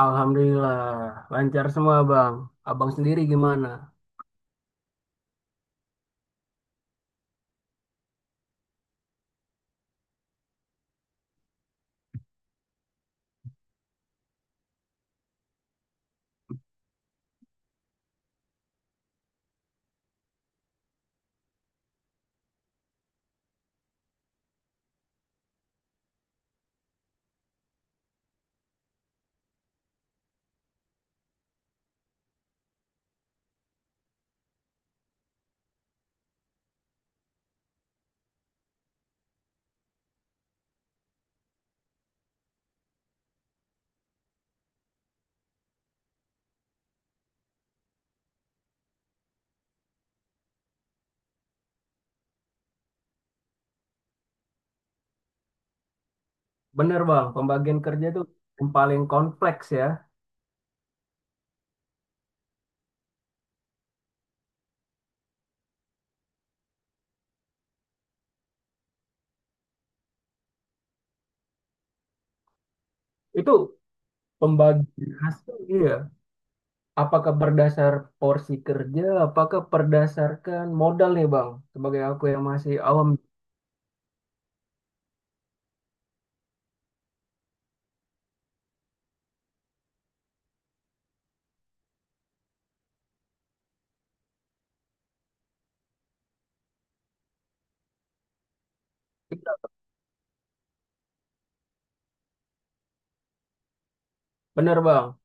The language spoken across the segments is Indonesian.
Alhamdulillah, lancar semua Bang. Abang sendiri gimana? Bener Bang, pembagian kerja itu yang paling kompleks ya. Itu pembagian hasil iya. Apakah berdasar porsi kerja, apakah berdasarkan modal nih Bang? Sebagai aku yang masih awam. Iya, bener Bang.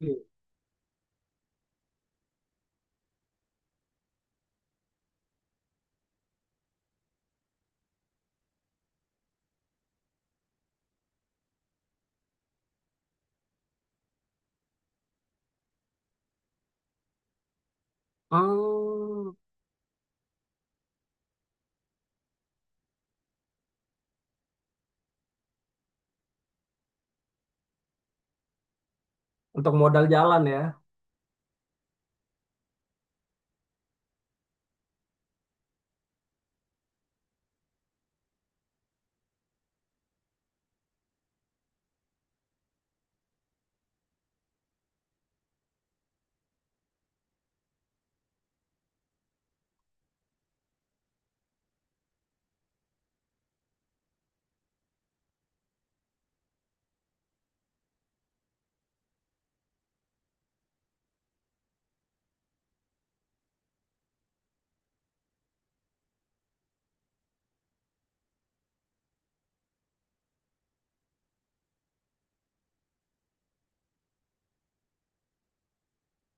Iya. Hmm, untuk modal jalan ya,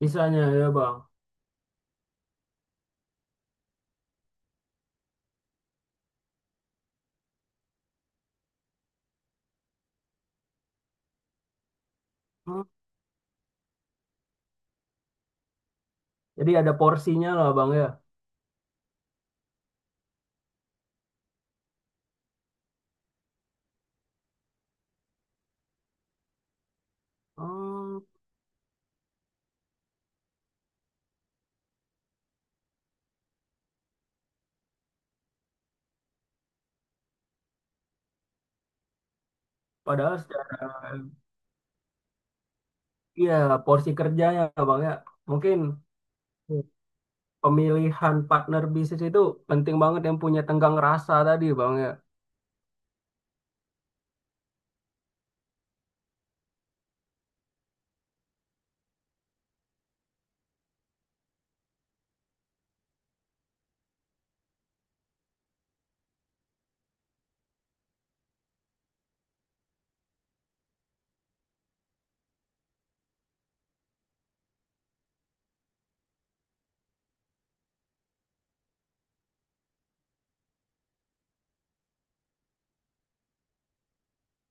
misalnya ya Bang. Hmm, jadi ada porsinya lah Bang ya. Hmm, padahal secara, iya, porsi kerjanya Bang ya. Mungkin pemilihan partner bisnis itu penting banget yang punya tenggang rasa tadi Bang ya.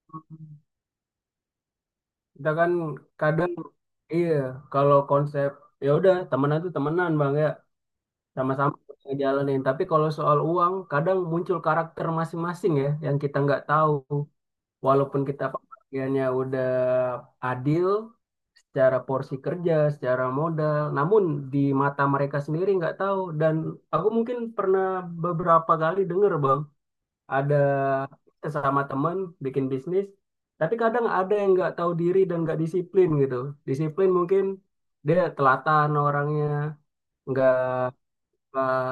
Hmm. Kita kan kadang iya kalau konsep ya udah temenan tuh temenan Bang ya, sama-sama ngejalanin. Tapi kalau soal uang kadang muncul karakter masing-masing ya yang kita nggak tahu. Walaupun kita pembagiannya udah adil secara porsi kerja, secara modal, namun di mata mereka sendiri nggak tahu. Dan aku mungkin pernah beberapa kali dengar Bang ada sesama teman bikin bisnis, tapi kadang ada yang nggak tahu diri dan nggak disiplin gitu. Disiplin mungkin dia telatan orangnya, nggak eh,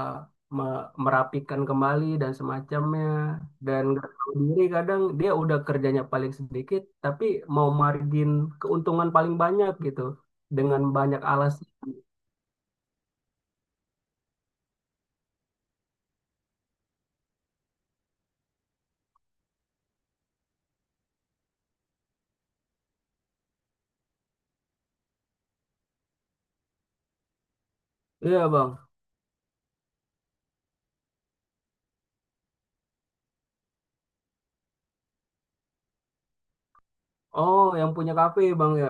merapikan kembali dan semacamnya, dan nggak tahu diri kadang dia udah kerjanya paling sedikit, tapi mau margin keuntungan paling banyak gitu dengan banyak alasan. Iya Bang. Oh, yang punya kafe Bang ya.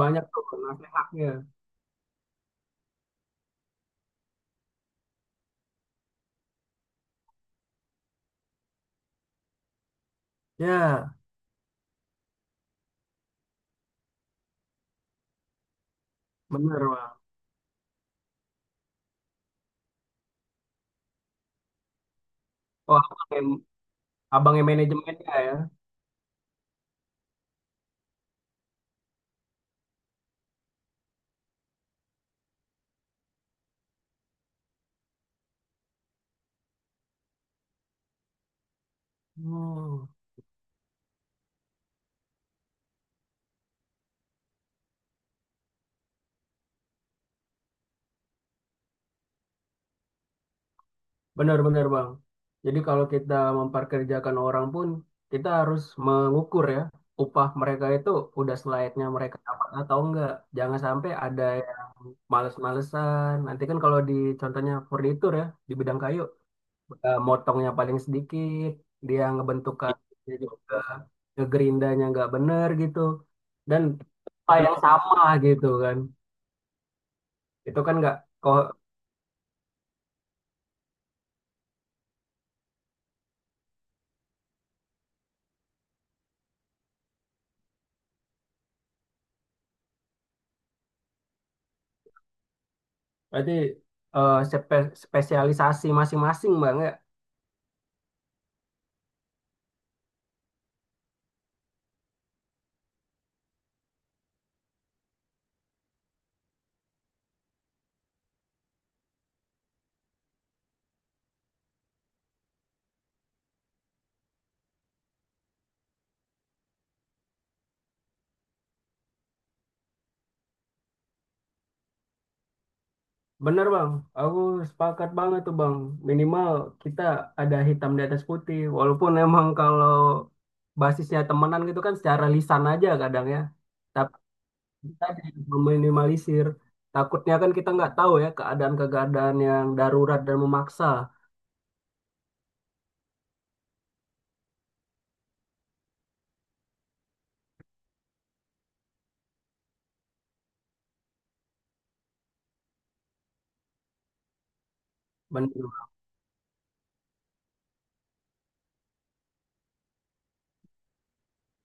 Banyak tuh nasihatnya. Ya, bener Bang. Wah, abangnya manajemennya ya. Hmm, benar-benar Bang. Jadi kalau kita memperkerjakan orang pun kita harus mengukur ya upah mereka itu udah selayaknya mereka dapat atau enggak. Jangan sampai ada yang males-malesan. Nanti kan kalau di contohnya furnitur ya di bidang kayu motongnya paling sedikit, dia ngebentukkan dia juga ngegerindanya nggak bener gitu. Dan upah yang sama gitu kan. Itu kan nggak kok. Berarti spesialisasi masing-masing Bang ya. Bener Bang, aku sepakat banget tuh Bang. Minimal kita ada hitam di atas putih. Walaupun emang kalau basisnya temenan gitu kan secara lisan aja kadang ya. Tapi kita meminimalisir. Takutnya kan kita nggak tahu ya keadaan-keadaan yang darurat dan memaksa. Bener.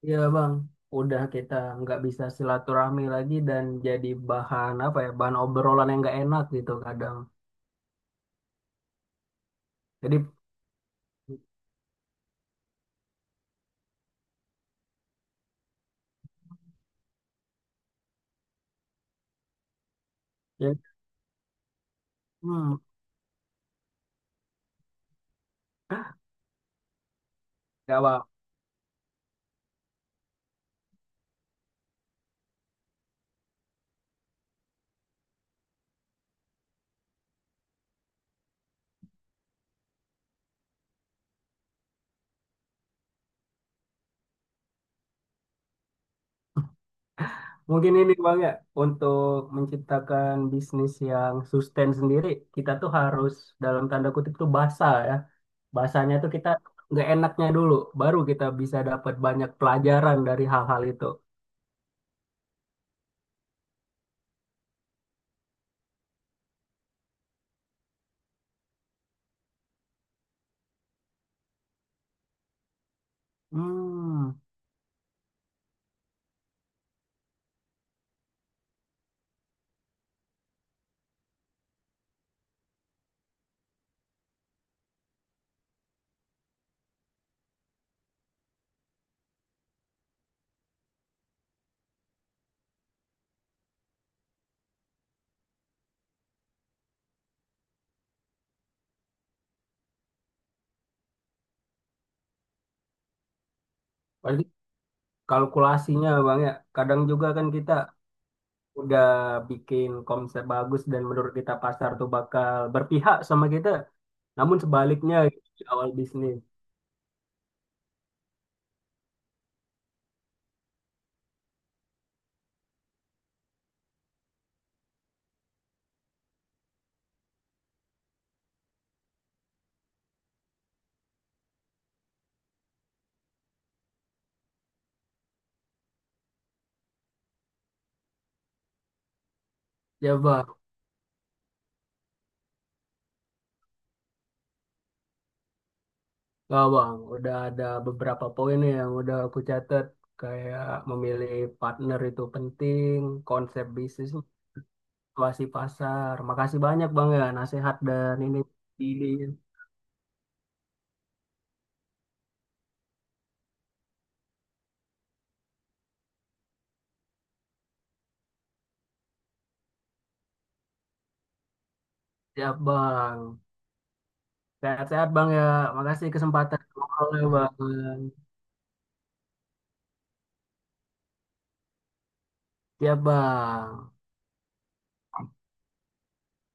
Iya Bang, udah kita nggak bisa silaturahmi lagi dan jadi bahan apa ya, bahan obrolan yang nggak enak gitu kadang. Jadi ya hmm, nggak apa. Mungkin ini Bang ya untuk menciptakan bisnis yang sustain sendiri kita tuh harus dalam tanda kutip tuh basah ya. Basahnya tuh kita nggak enaknya dulu, baru kita bisa dapat banyak pelajaran dari hal-hal itu. Hmm, berarti kalkulasinya Bang ya. Kadang juga kan kita udah bikin konsep bagus dan menurut kita pasar tuh bakal berpihak sama kita. Namun sebaliknya gitu, di awal bisnis. Ya, Bang. Wah, Bang, udah ada beberapa poin nih yang udah aku catat, kayak memilih partner itu penting, konsep bisnis masih pasar. Makasih banyak, Bang, ya, nasihat dan ini ide. Siap, Bang. Sehat-sehat, Bang, ya. Makasih kesempatan ngobrolnya, Bang. Siap, Bang.